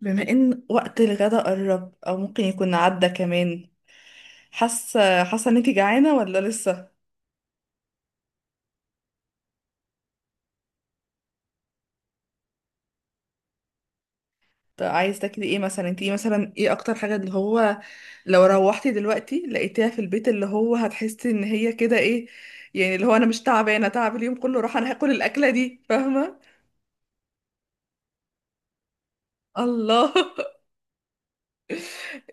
بما ان وقت الغدا قرب او ممكن يكون عدى كمان. حاسه ان انت جعانه ولا لسه؟ طب عايز تاكلي ايه مثلا؟ انت ايه مثلا، ايه اكتر حاجه اللي هو لو روحتي دلوقتي لقيتيها في البيت اللي هو هتحسي ان هي كده، ايه يعني اللي هو انا مش تعبانه، تعب اليوم كله راح، انا هاكل الاكله دي، فاهمه؟ الله!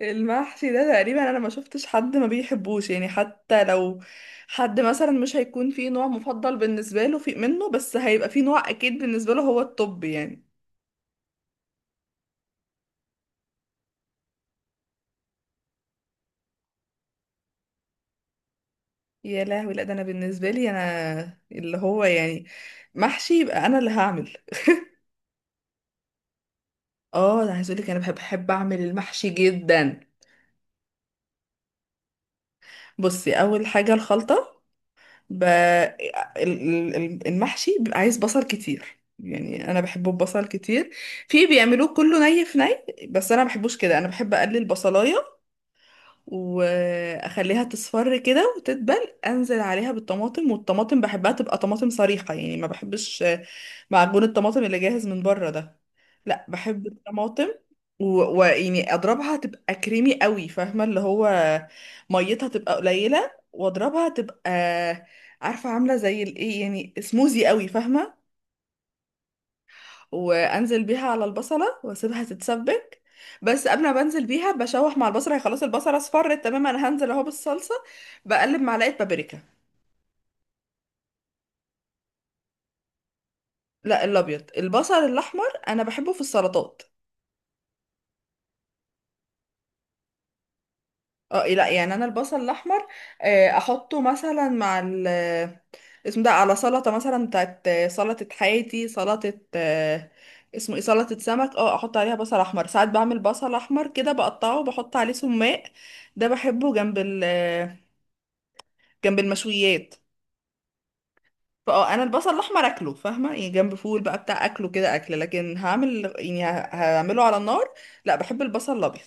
المحشي ده تقريبا انا ما شفتش حد ما بيحبوش يعني، حتى لو حد مثلا مش هيكون فيه نوع مفضل بالنسبه له في منه، بس هيبقى فيه نوع اكيد بالنسبه له هو، الطب يعني. يا لهوي، لا ده انا بالنسبه لي انا اللي هو يعني محشي يبقى انا اللي هعمل. اه، انا عايز اقول لك انا بحب اعمل المحشي جدا. بصي، اول حاجه الخلطه. المحشي بيبقى عايز بصل كتير، يعني انا بحبه ببصل كتير. في بيعملوه كله ني في ني، بس انا ما بحبوش كده، انا بحب اقلل بصلايه واخليها تصفر كده وتدبل، انزل عليها بالطماطم، والطماطم بحبها تبقى طماطم صريحه يعني، ما بحبش معجون الطماطم اللي جاهز من بره ده، لا بحب الطماطم. و- ويعني اضربها تبقى كريمي قوي، فاهمه اللي هو ميتها تبقى قليله واضربها تبقى، عارفه عامله زي الايه، يعني سموزي قوي فاهمه. وانزل بيها على البصله واسيبها تتسبك. بس قبل ما بنزل بيها بشوح مع البصله، هي خلاص البصله اصفرت تماما، انا هنزل اهو بالصلصه، بقلب معلقه بابريكا. لا الابيض، البصل الاحمر انا بحبه في السلطات. اه لا يعني انا البصل الاحمر، احطه مثلا مع ال اسمه ده، على سلطه مثلا بتاعت، سلطه حياتي، سلطه اسمه ايه، سلطه سمك، اه احط عليها بصل احمر. ساعات بعمل بصل احمر كده بقطعه وبحط عليه سماق، ده بحبه جنب ال جنب المشويات. فاه انا البصل الاحمر اكله فاهمه، يعني جنب فول بقى بتاع، اكله كده اكل، لكن هعمل يعني هعمله على النار، لا بحب البصل الابيض.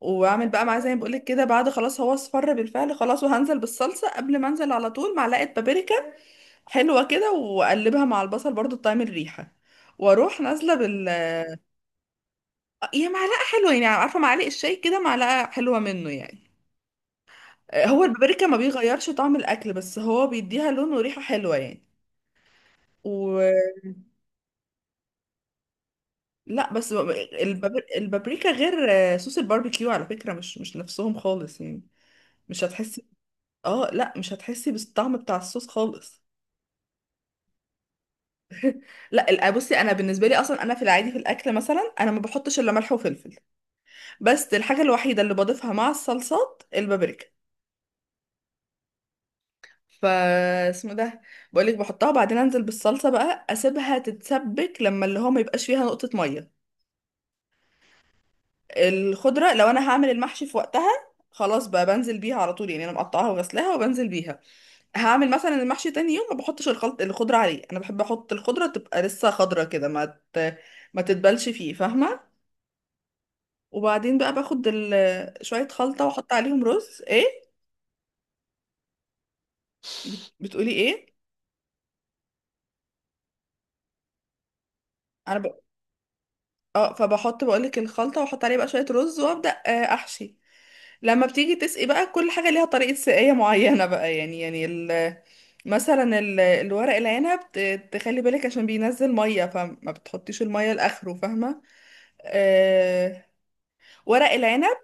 واعمل بقى معاه زي ما بقولك كده، بعد خلاص هو اصفر بالفعل خلاص، وهنزل بالصلصه. قبل ما انزل على طول معلقه بابريكا حلوه كده، واقلبها مع البصل برضو تطعم الريحه، واروح نازله بال، هي معلقه حلوه يعني، عارفه معلقه الشاي كده، معلقه حلوه منه يعني. هو البابريكا ما بيغيرش طعم الاكل، بس هو بيديها لون وريحه حلوه يعني. و لا بس البابريكا غير صوص الباربيكيو على فكره، مش مش نفسهم خالص يعني. مش هتحسي. اه لا مش هتحسي بالطعم بتاع الصوص خالص. لا بصي انا بالنسبه لي اصلا انا في العادي في الاكل مثلا، انا ما بحطش الا ملح وفلفل، بس الحاجه الوحيده اللي بضيفها مع الصلصات البابريكا. ف اسمه ده، بقولك بحطها وبعدين انزل بالصلصه بقى، اسيبها تتسبك لما اللي هو ما يبقاش فيها نقطه ميه. الخضره، لو انا هعمل المحشي في وقتها خلاص بقى بنزل بيها على طول، يعني انا مقطعاها وغسلاها وبنزل بيها. هعمل مثلا المحشي تاني يوم ما بحطش الخلط الخضره عليه، انا بحب احط الخضره تبقى لسه خضره كده، ت... ما تتبلش فيه فاهمه. وبعدين بقى باخد شوية خلطة واحط عليهم رز، ايه بتقولي ايه؟ انا ب... اه فبحط بقولك الخلطة واحط عليه بقى شوية رز، وابدأ احشي. لما بتيجي تسقي بقى، كل حاجة ليها طريقة سقاية معينة بقى يعني، مثلا الورق العنب تخلي بالك عشان بينزل مية، فما بتحطيش المية لآخره فاهمة. أه... ورق العنب،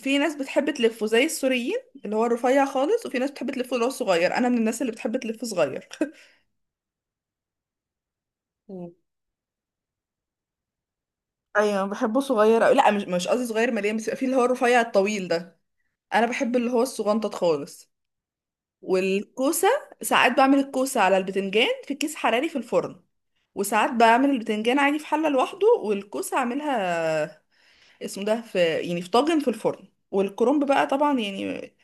في ناس بتحب تلفه زي السوريين، اللي هو الرفيع خالص، وفي ناس بتحب تلفه اللي هو الصغير، انا من الناس اللي بتحب تلفه صغير. ايوه بحبه صغير أوي. لا مش مش قصدي صغير مليان، بس يبقى فيه اللي هو الرفيع الطويل ده، انا بحب اللي هو الصغنطط خالص. والكوسه، ساعات بعمل الكوسه على البتنجان في كيس حراري في الفرن، وساعات بعمل البتنجان عادي في حله لوحده، والكوسه اعملها اسمه ده، في يعني في طاجن في الفرن. والكرنب بقى طبعا يعني،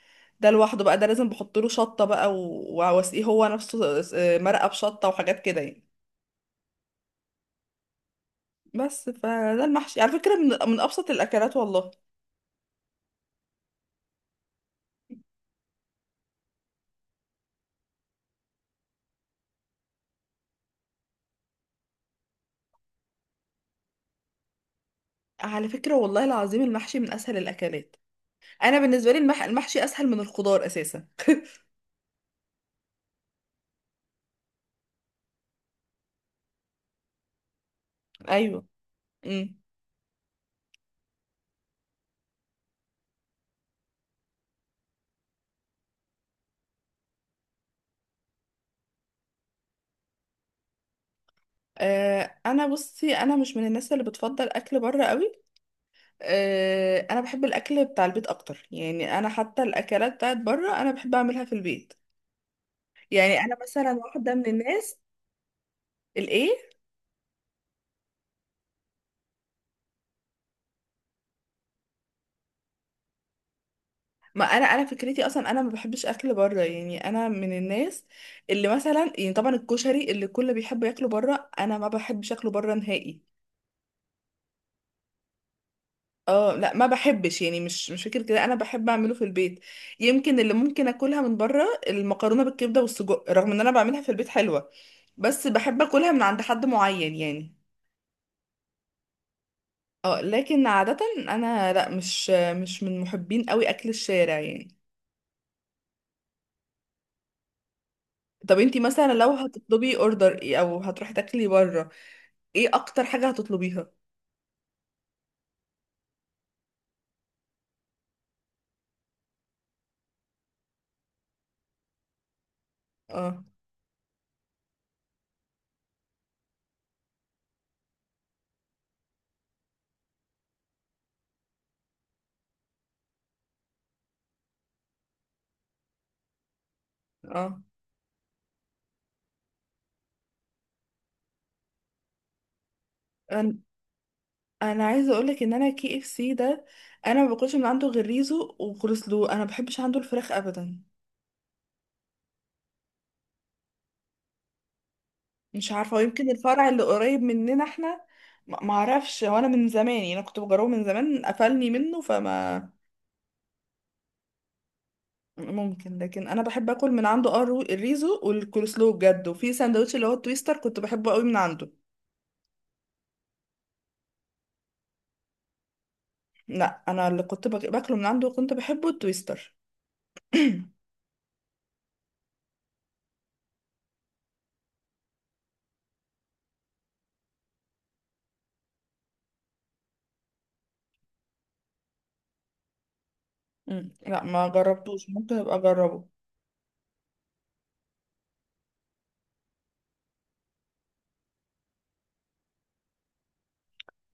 ده لوحده بقى، ده لازم بحط له شطه بقى، واسقيه هو نفسه مرقه بشطه وحاجات كده يعني. بس فده المحشي على فكره، من ابسط الاكلات والله. على فكرة والله العظيم المحشي من أسهل الأكلات، أنا بالنسبة لي المحشي أسهل من الخضار أساسا. أيوه. امم. آه أنا بصي، أنا مش من الناس اللي بتفضل أكل بره قوي. آه أنا بحب الأكل بتاع البيت أكتر، يعني أنا حتى الأكلات بتاعت بره أنا بحب أعملها في البيت، يعني أنا مثلا واحدة من الناس. الإيه؟ ما أنا فكرتي أصلا، أنا ما بحبش أكل بره، يعني أنا من الناس اللي مثلا يعني، طبعا الكشري اللي كله بيحب ياكله بره، أنا ما بحبش أكله بره نهائي. اه لا ما بحبش يعني، مش مش فكرة كده، انا بحب اعمله في البيت. يمكن اللي ممكن اكلها من بره المكرونة بالكبدة والسجق، رغم ان انا بعملها في البيت حلوة، بس بحب اكلها من عند حد معين يعني. اه لكن عادة انا لا، مش مش من محبين قوي اكل الشارع يعني. طب انتي مثلا لو هتطلبي اوردر ايه، او هتروحي تاكلي بره، ايه اكتر حاجة هتطلبيها؟ اه اه، انا أنا عايزه اقولك ان انا كي اف سي ده، انا ما باكلش من عنده غير ريزو وكولسلو، انا ما بحبش عنده الفراخ ابدا. مش عارفة، ويمكن الفرع اللي قريب مننا احنا، ما اعرفش، هو انا من زمان يعني، انا كنت بجربه من زمان قفلني منه، فما ممكن، لكن انا بحب اكل من عنده اه الريزو والكولسلو بجد، وفي ساندوتش اللي هو التويستر كنت بحبه قوي من عنده. لا انا اللي كنت باكله من عنده وكنت بحبه التويستر. مم. لا ما جربتوش، ممكن ابقى اجربه.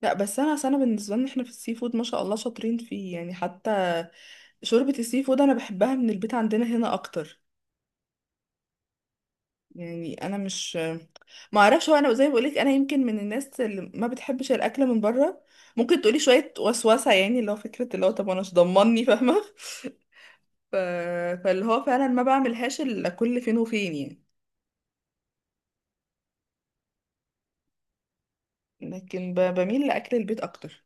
لا بس انا أصل انا بالنسبه لنا احنا في السي فود ما شاء الله شاطرين فيه يعني، حتى شوربه السي فود انا بحبها من البيت عندنا هنا اكتر، يعني انا مش، ما اعرفش هو انا زي ما بقولك، انا يمكن من الناس اللي ما بتحبش الاكل من بره، ممكن تقولي شويه وسوسه يعني، اللي هو فكره اللي هو طب انا مش ضمني فاهمه. ف... فاللي هو فعلا ما بعملهاش الا كل فين وفين يعني، لكن بميل لاكل البيت اكتر.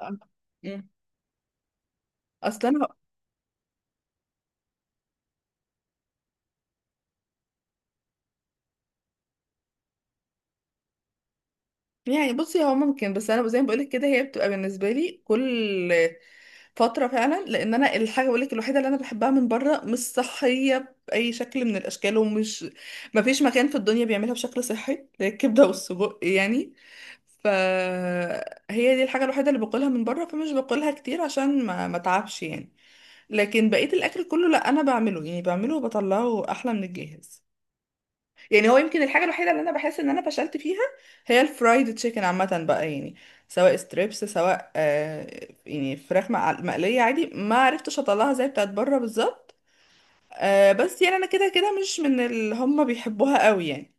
أه. مم. اصلا انا، يعني بصي هو ممكن، بس انا زي ما بقولك كده هي بتبقى بالنسبه لي كل فترة فعلا، لان انا الحاجة بقول لك الوحيدة اللي انا بحبها من بره مش صحية بأي شكل من الاشكال، ومش مفيش مكان في الدنيا بيعملها بشكل صحي اللي هي الكبدة والسجق يعني، فهي دي الحاجة الوحيدة اللي باكلها من بره، فمش باكلها كتير عشان ما اتعبش يعني. لكن بقية الاكل كله لا انا بعمله، يعني بعمله وبطلعه احلى من الجاهز. يعني هو يمكن الحاجة الوحيدة اللي انا بحس ان انا فشلت فيها هي الفرايد تشيكن عامة بقى يعني، سواء ستريبس سواء آه يعني فراخ مقلية عادي، ما عرفتش اطلعها زي بتاعت بره بالظبط. آه بس يعني انا كده كده مش من اللي هم بيحبوها قوي يعني،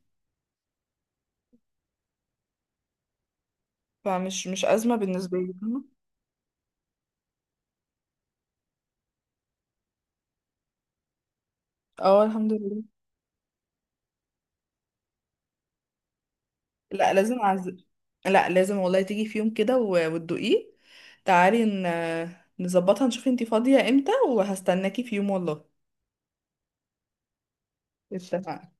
فمش مش أزمة بالنسبة لي فاهمة؟ اه الحمد لله. لا لا لازم والله تيجي في يوم كده وتدوقيه، تعالي نظبطها نشوف انتي فاضية امتى، وهستناكي في يوم والله. اتفقنا.